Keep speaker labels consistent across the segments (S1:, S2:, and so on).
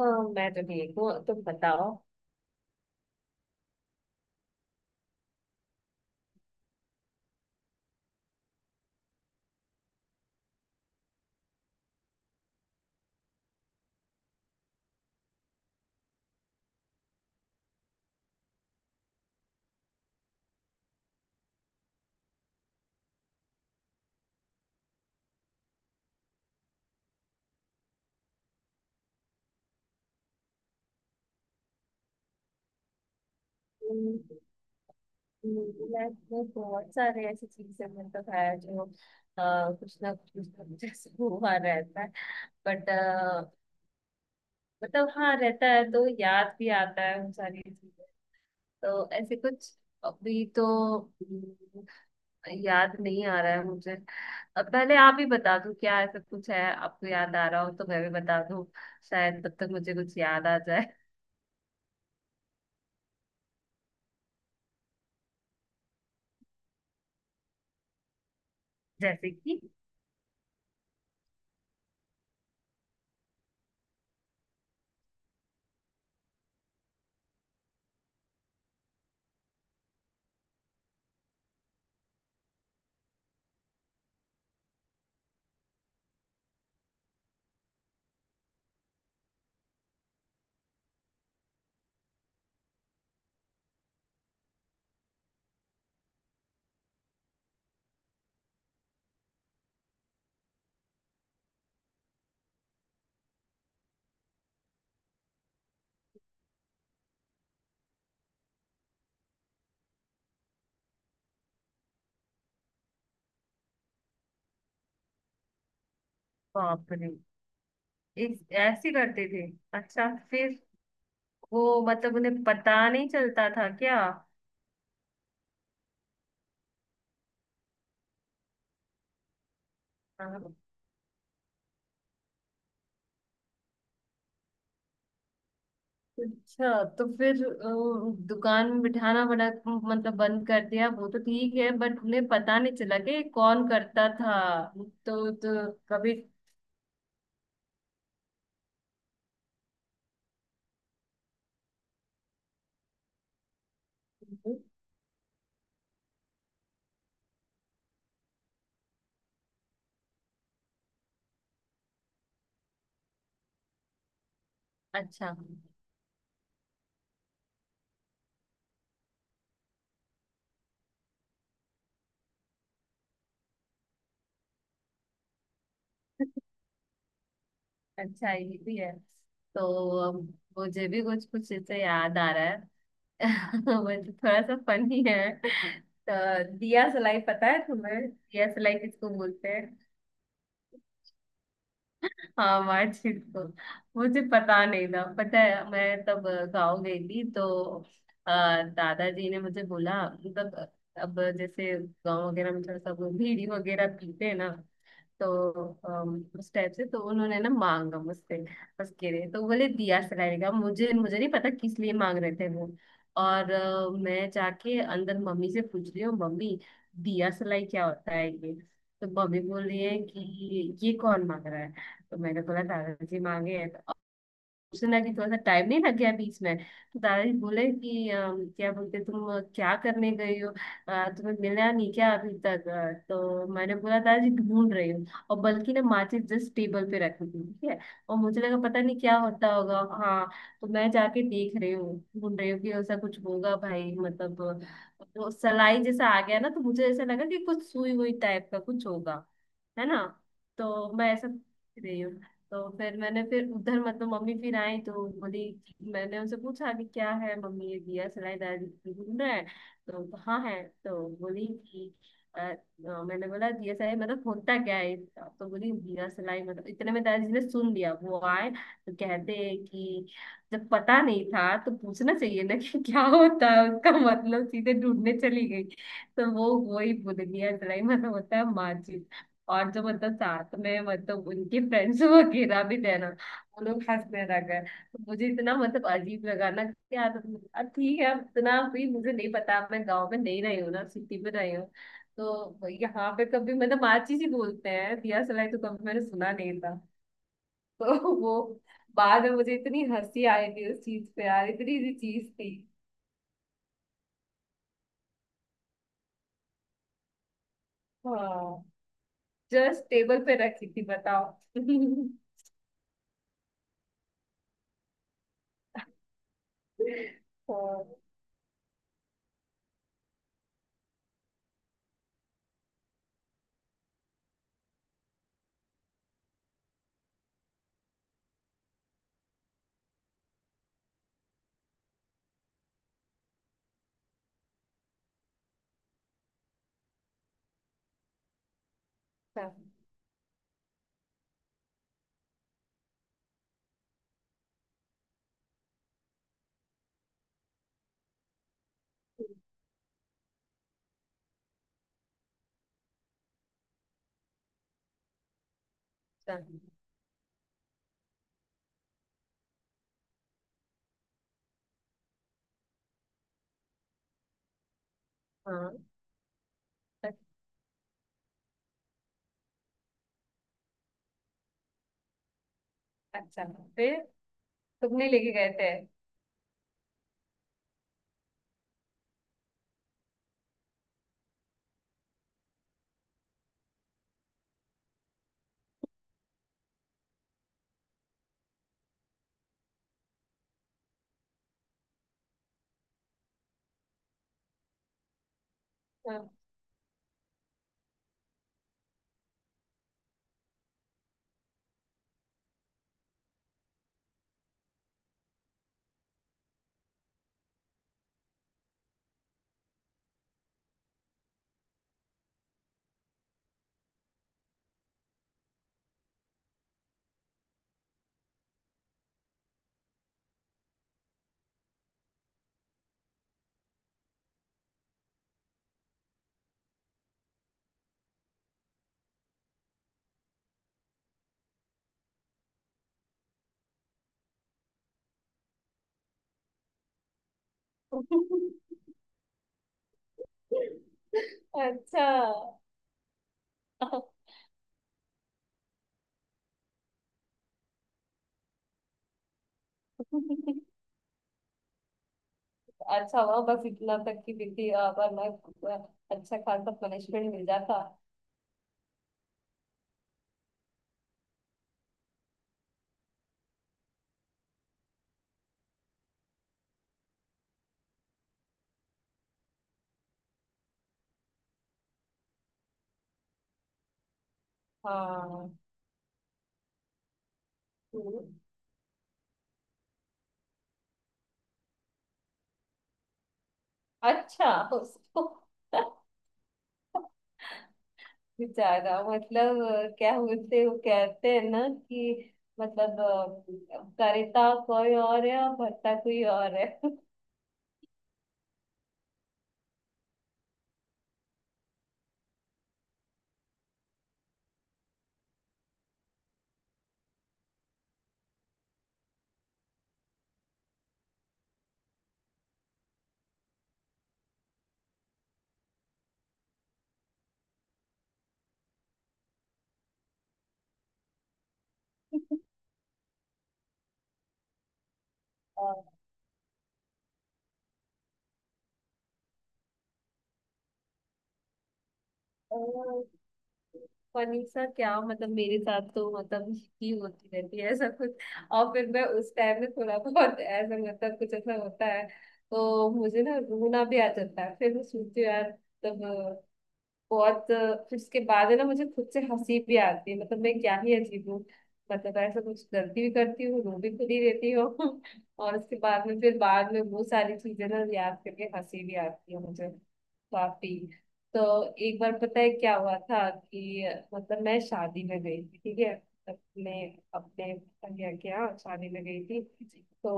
S1: हाँ मैं तो ठीक हूँ, तुम बताओ। हम्म, मैं बहुत सारे ऐसी चीजें मतलब है जो अ, कुछ ना कुछ ऐसे हुआ रहता है। बट मतलब हाँ, रहता है तो याद भी आता है उन सारी चीजें। तो ऐसे कुछ अभी तो हम्म, याद नहीं आ रहा है मुझे। अब पहले आप ही बता दो, क्या ऐसा कुछ है आपको याद आ रहा हो तो मैं भी बता दूं, शायद तब तक मुझे कुछ याद आ जाए। जैसे कि बाप रे, इस ऐसे करते थे? अच्छा, फिर वो मतलब उन्हें पता नहीं चलता था क्या? हाँ। अच्छा, तो फिर दुकान में बिठाना बड़ा मतलब बंद कर दिया वो तो ठीक है, बट उन्हें पता नहीं चला कि कौन करता था? तो कभी अच्छा। अच्छा, ये भी है। तो अम, मुझे भी कुछ कुछ इससे याद आ रहा है। मतलब थोड़ा सा फनी है। तो दिया सलाई पता है तुम्हें, दिया सलाई किसको बोलते हैं? हाँ, मार्कशीट को मुझे पता नहीं था। पता है, मैं तब गाँव गई थी तो अ, दादाजी ने मुझे बोला। मतलब अब जैसे गाँव वगैरह में थोड़ा सा वो बीड़ी वगैरह पीते हैं ना, तो उस टाइप से तो उन्होंने ना मांगा मुझसे। उसके लिए तो बोले दिया सलाई का, मुझे मुझे नहीं पता किस लिए मांग रहे थे वो। और मैं जाके अंदर मम्मी से पूछ रही हूँ, मम्मी दिया सलाई क्या होता है ये? तो मम्मी बोल रही है कि ये कौन मांग रहा है? तो मैंने बोला दादाजी मांगे हैं। तो सोचने लगी, थोड़ा सा टाइम नहीं लग गया बीच में, तो दादाजी बोले कि क्या बोलते तुम, क्या करने गई हो? तुम्हें मिला नहीं क्या अभी तक? तो मैंने बोला दादाजी ढूंढ रही हूँ, और बल्कि ना माचिस जस्ट टेबल पे रखी थी, ठीक है। और मुझे लगा पता नहीं क्या होता होगा। हाँ। तो मैं जाके देख रही हूँ, ढूंढ रही हूँ कि ऐसा कुछ होगा भाई। मतलब वो सलाई जैसा आ गया ना तो मुझे ऐसा लगा कि कुछ सुई हुई टाइप का कुछ होगा, है ना। तो मैं ऐसा सोच रही हूँ। तो फिर मैंने फिर उधर मतलब मम्मी फिर आई तो बोली, मैंने उनसे पूछा कि क्या है मम्मी ये दिया सलाई दाल ढूंढ रहा है तो हाँ है, तो बोली कि अ, अ, मैंने बोला दिया सलाई मतलब होता क्या है इसका? तो बोली दिया सलाई मतलब, इतने में दादाजी ने सुन लिया, वो आए तो कहते हैं कि जब पता नहीं था तो पूछना चाहिए ना कि क्या होता है उसका मतलब, सीधे ढूंढने चली गई। तो वो वही बोल दिया, सलाई मतलब होता है माचिस। और जो मतलब साथ में मतलब उनके फ्रेंड्स वगैरह भी थे ना, वो लोग हंसने लगे तो मुझे इतना मतलब अजीब लगा ना कि यार ठीक है, अब इतना भी मुझे नहीं पता, मैं गांव में नहीं रही हूँ ना, सिटी में रही हूँ। तो यहाँ पे कभी मतलब माची जी बोलते हैं दिया सलाई तो कभी मैंने सुना नहीं था। तो वो बाद में मुझे इतनी हंसी आई थी उस चीज पे, यार इतनी सी चीज थी। हाँ, जस्ट टेबल पे रखी थी बताओ। हाँ, हाँ, हाँ। हाँ। अ- अच्छा, फिर तुमने लेके गए थे? हाँ। अच्छा। अच्छा हुआ बस इतना तक की थी, वरना अच्छा खासा पनिशमेंट मिल जाता। हाँ। हम्म। अच्छा, उसको बेचारा मतलब क्या बोलते, वो कहते हैं ना कि मतलब करेता कोई और है और भरता कोई और है। अ, फनीसा क्या मतलब, मेरे साथ तो मतलब ही होती रहती है ऐसा कुछ। और फिर मैं उस टाइम में थोड़ा बहुत ऐसा मतलब कुछ ऐसा होता है तो मुझे ना रोना भी आ जाता है, फिर मैं सोचती हूँ यार तब बहुत, फिर उसके बाद है ना मुझे खुद से हंसी भी आती है मतलब मैं क्या ही अजीब हूँ। मतलब ऐसा कुछ गलती भी करती हूँ, रो भी खुद ही देती हूँ। और उसके बाद में फिर बाद में वो सारी चीजें ना याद करके हंसी भी आती है मुझे काफी। तो एक बार पता है क्या हुआ था कि मतलब मैं शादी में गई थी, ठीक है। अपने अपने भैया के यहाँ शादी में गई थी। तो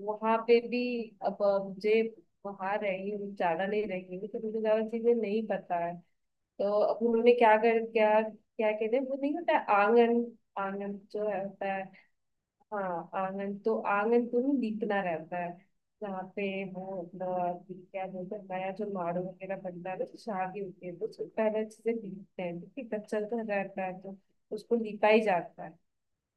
S1: वहां पे भी अब मुझे वहां रही हूँ, ज्यादा नहीं रही हूँ तो मुझे ज्यादा चीजें नहीं पता है। तो अब उन्होंने क्या कर, क्या क्या कहते हैं वो नहीं होता है आंगन, आंगन जो है होता है। हाँ, आंगन। तो आंगन को ही लीपना रहता है, जहाँ पे वो अपना क्या बोलते हैं नया जो माड़ू वगैरह बनता है ना, तो शादी होती है तो उसको पहले अच्छे से लीपते हैं क्योंकि कच्चा तो रहता है, तो उसको लीपा ही जाता है।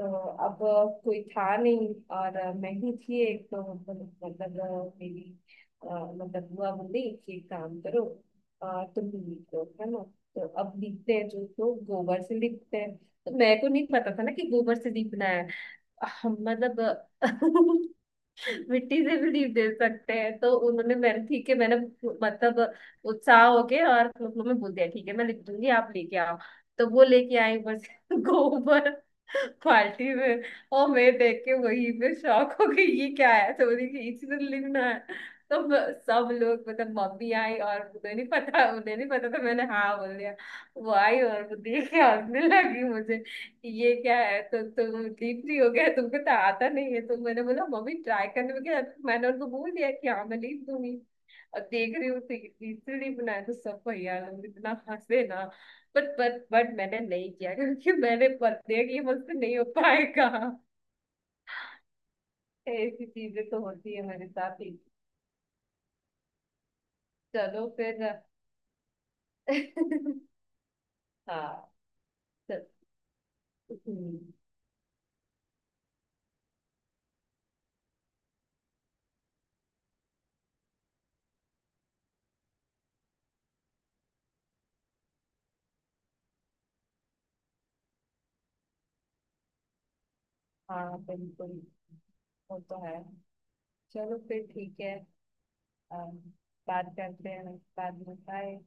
S1: तो अब कोई था नहीं और मैं ही थी एक। तो मतलब मेरी मतलब बुआ बोली कि एक काम करो, तुम लीप लो है ना। तो अब लीपते हैं जो तो गोबर से लीपते हैं, तो मेरे को नहीं पता था ना कि गोबर से लीपना है। हम मतलब मिट्टी से भी लीप दे सकते हैं। तो उन्होंने मैंने ठीक है, मैंने मतलब उत्साह हो के और मम्मी में बोल दिया ठीक है मैं लिख दूंगी आप लेके आओ। तो वो लेके आई बस गोबर बाल्टी में। और मैं देख के वही पे शौक हो गई ये क्या है? तो बोली कि इसी तरह लिखना है। तो सब लोग मतलब मम्मी आई और उन्हें नहीं पता, उन्हें नहीं पता था मैंने हाँ बोल दिया। वो आई और वो देख के हंसने लगी, मुझे ये क्या है तो तुम डीपली हो गया तुमको तो आता नहीं है। तो मैंने बोला मम्मी ट्राई करने में क्या, तो मैंने उनको बोल दिया कि हाँ मैं लिख दूंगी। और देख रही हूँ तो इतनी बनाया तो सब भैया लोग इतना हंसे ना। बट मैंने नहीं किया, क्योंकि मैंने पता है कि ये मुझसे नहीं हो पाएगा। ऐसी चीजें तो होती है मेरे साथ ही। चलो फिर। हाँ, चल। हम्म, हाँ बिल्कुल, वो तो है। चलो फिर, ठीक है। अम, बात करते हैं बाद में, बाय।